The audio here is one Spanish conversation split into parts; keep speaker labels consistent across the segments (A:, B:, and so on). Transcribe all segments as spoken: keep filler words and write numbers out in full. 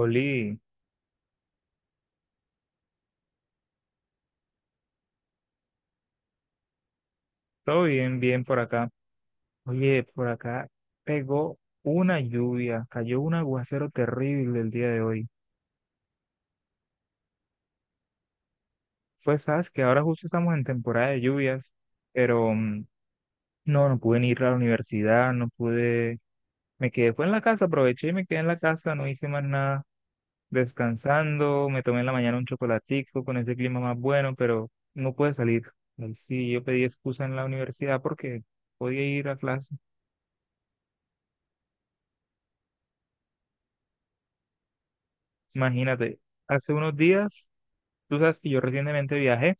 A: Oli, todo bien, bien por acá. Oye, por acá pegó una lluvia, cayó un aguacero terrible el día de hoy. Pues sabes que ahora justo estamos en temporada de lluvias, pero mm, no, no pude ni ir a la universidad, no pude, me quedé, fue en la casa, aproveché y me quedé en la casa, no hice más nada, descansando, me tomé en la mañana un chocolatico con ese clima más bueno, pero no pude salir. Y sí, yo pedí excusa en la universidad porque podía ir a clase. Imagínate, hace unos días. Tú sabes que yo recientemente viajé,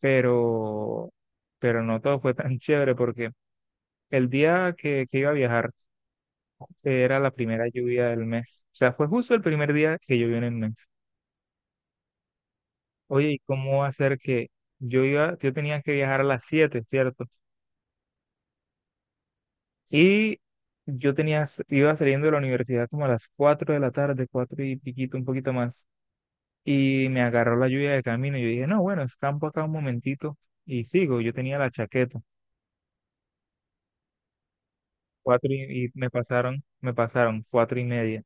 A: pero, pero no todo fue tan chévere porque el día que, que iba a viajar eh, era la primera lluvia del mes. O sea, fue justo el primer día que llovió en el mes. Oye, ¿y cómo va a ser que yo iba, yo tenía que viajar a las siete, cierto? Y yo tenía, s- iba saliendo de la universidad como a las cuatro de la tarde, cuatro y piquito, un poquito más. Y me agarró la lluvia de camino y yo dije, no, bueno, escampo acá un momentito y sigo. Yo tenía la chaqueta. Cuatro y, y me pasaron, me pasaron cuatro y media,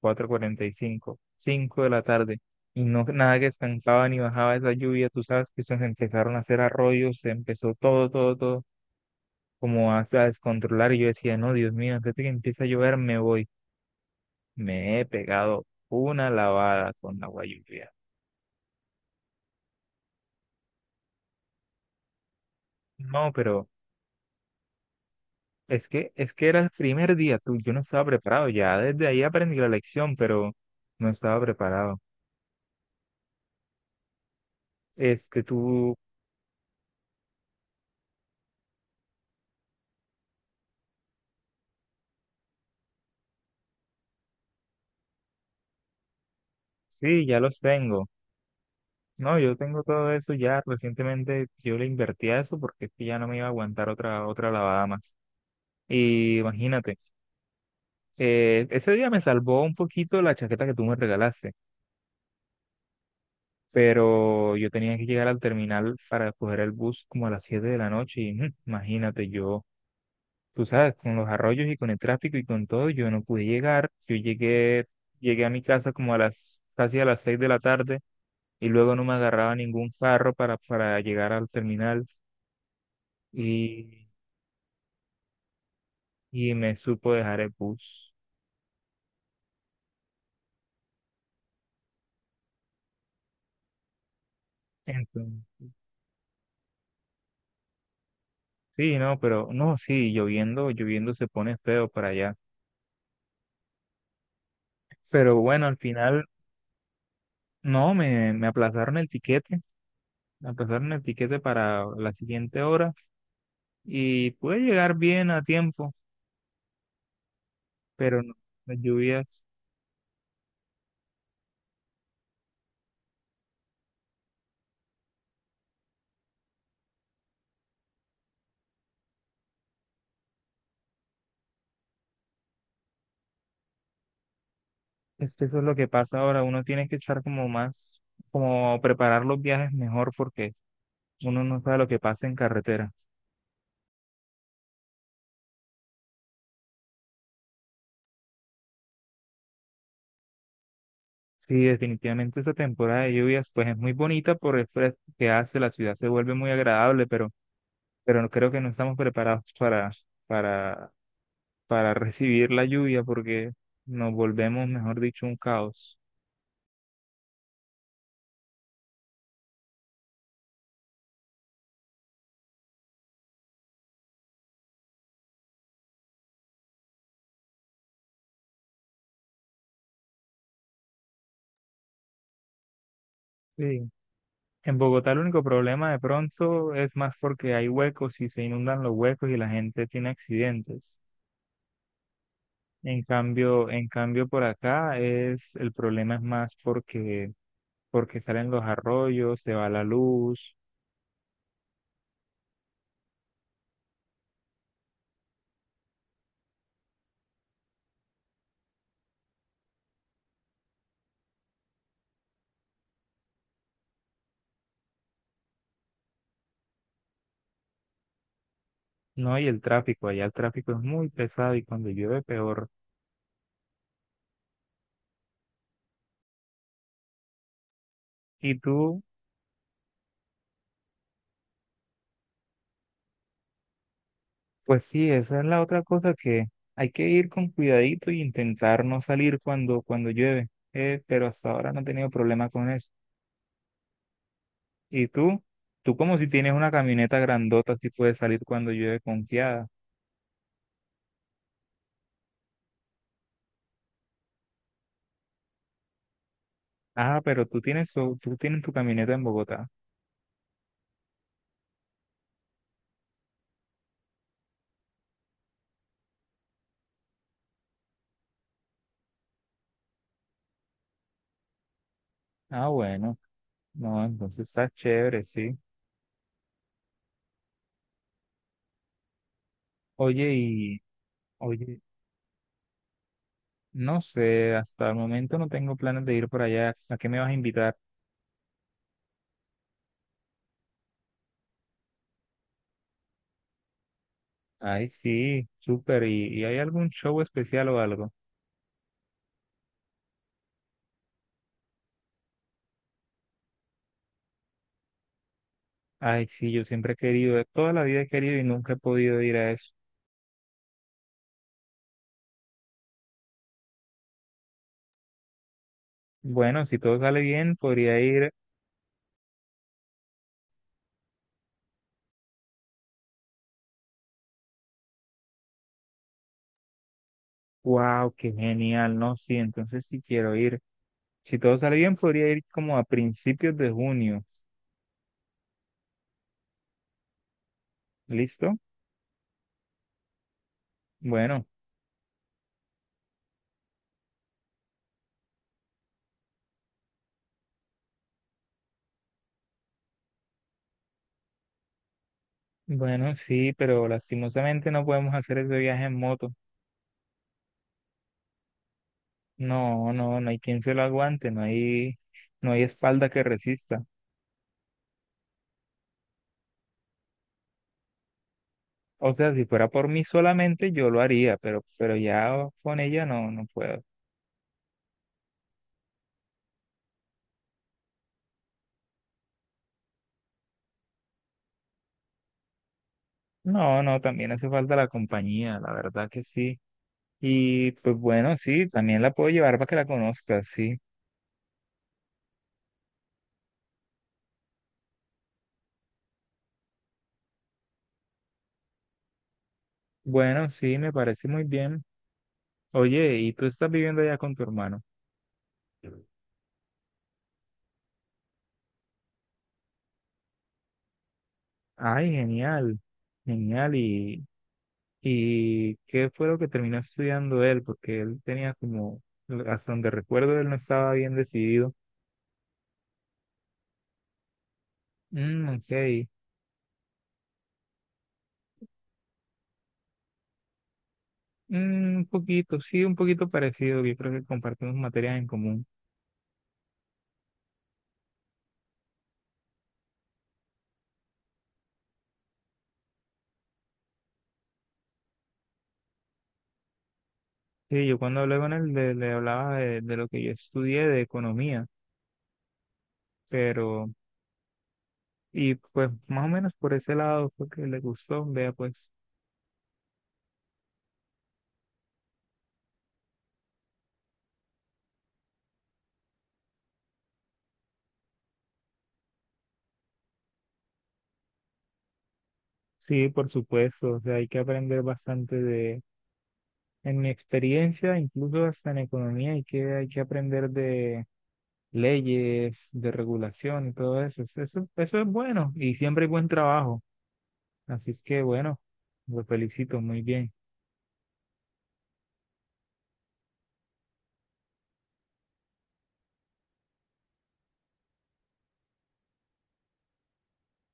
A: cuatro cuarenta y cinco, cinco de la tarde, y no nada que estancaba ni bajaba esa lluvia, tú sabes que eso se empezaron a hacer arroyos, se empezó todo, todo, todo, como a, a descontrolar, y yo decía, no, Dios mío, antes de que empiece a llover me voy. Me he pegado una lavada con agua lluvia. No, pero es que, es que era el primer día, tú, yo no estaba preparado, ya desde ahí aprendí la lección, pero no estaba preparado. Este, tú, sí, ya los tengo. No, yo tengo todo eso ya recientemente, yo le invertí a eso porque es que ya no me iba a aguantar otra, otra lavada más. Y imagínate, eh, ese día me salvó un poquito la chaqueta que tú me regalaste, pero yo tenía que llegar al terminal para coger el bus como a las siete de la noche y ujú, imagínate yo, tú sabes, con los arroyos y con el tráfico y con todo, yo no pude llegar, yo llegué, llegué a mi casa como a las, casi a las seis de la tarde y luego no me agarraba ningún carro para, para llegar al terminal. Y y me supo dejar el bus. Entonces, sí, no, pero no, sí, lloviendo, lloviendo se pone feo para allá. Pero bueno, al final, no, me, me aplazaron el tiquete, me aplazaron el tiquete, para la siguiente hora y pude llegar bien a tiempo, pero no, las lluvias, es que eso es lo que pasa ahora, uno tiene que estar como más, como preparar los viajes mejor porque uno no sabe lo que pasa en carretera. Sí, definitivamente esta temporada de lluvias pues es muy bonita por el fresco que hace, la ciudad se vuelve muy agradable, pero, pero no- creo que no estamos preparados para, para, para recibir la lluvia porque nos volvemos, mejor dicho, un caos. Sí. En Bogotá el único problema de pronto es más porque hay huecos y se inundan los huecos y la gente tiene accidentes. En cambio, en cambio por acá es, el problema es más porque, porque salen los arroyos, se va la luz. No, y el tráfico, allá el tráfico es muy pesado y cuando llueve peor. Y tú, pues sí, esa es la otra cosa que hay que ir con cuidadito y intentar no salir cuando, cuando llueve. Eh, pero hasta ahora no he tenido problema con eso. Y tú, tú como si tienes una camioneta grandota, sí puedes salir cuando llueve confiada. Ah, pero tú tienes, tu- tú tienes tu camioneta en Bogotá. Ah, bueno, no, entonces está chévere, sí. Oye, y, oye, no sé, hasta el momento no tengo planes de ir por allá. ¿A qué me vas a invitar? Ay, sí, súper. ¿Y, y hay algún show especial o algo? Ay, sí, yo siempre he querido, eh, toda la vida he querido y nunca he podido ir a eso. Bueno, si todo sale bien, podría ir. Wow, qué genial, ¿no? Sí, entonces sí quiero ir. Si todo sale bien, podría ir como a principios de junio. ¿Listo? Bueno, bueno, sí, pero lastimosamente no podemos hacer ese viaje en moto. No, no, no hay, quien se lo aguante, no hay, no hay espalda que resista. O sea, si fuera por mí solamente, yo lo haría, pero, pero ya con ella no, no puedo. No, no, también hace falta la compañía, la verdad que sí. Y pues bueno, sí, también la puedo llevar para que la conozca, sí. Bueno, sí, me parece muy bien. Oye, ¿y tú estás viviendo allá con tu hermano? Ay, genial, genial. ¿Y, y qué fue lo que terminó estudiando él? Porque él tenía como, hasta donde recuerdo, él no estaba bien decidido. Mm, ok. Mm, un poquito, sí, un poquito parecido. Yo creo que compartimos materias en común. Sí, yo cuando hablé con él le, le hablaba de, de lo que yo estudié de economía, pero, y pues más o menos por ese lado fue que le gustó. Vea, pues sí, por supuesto, o sea, hay que aprender bastante de, en mi experiencia, incluso hasta en economía, hay que, hay que aprender de leyes, de regulación y todo eso. Eso, eso es bueno y siempre hay buen trabajo. Así es que bueno, lo felicito muy bien.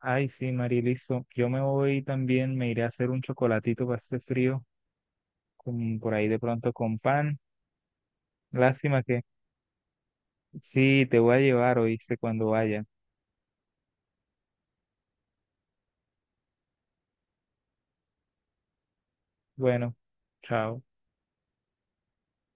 A: Ay, sí, Mariliso. Yo me voy también, me iré a hacer un chocolatito para este frío, con, por ahí de pronto con pan. Lástima que sí, te voy a llevar, oíste, cuando vaya. Bueno, chao.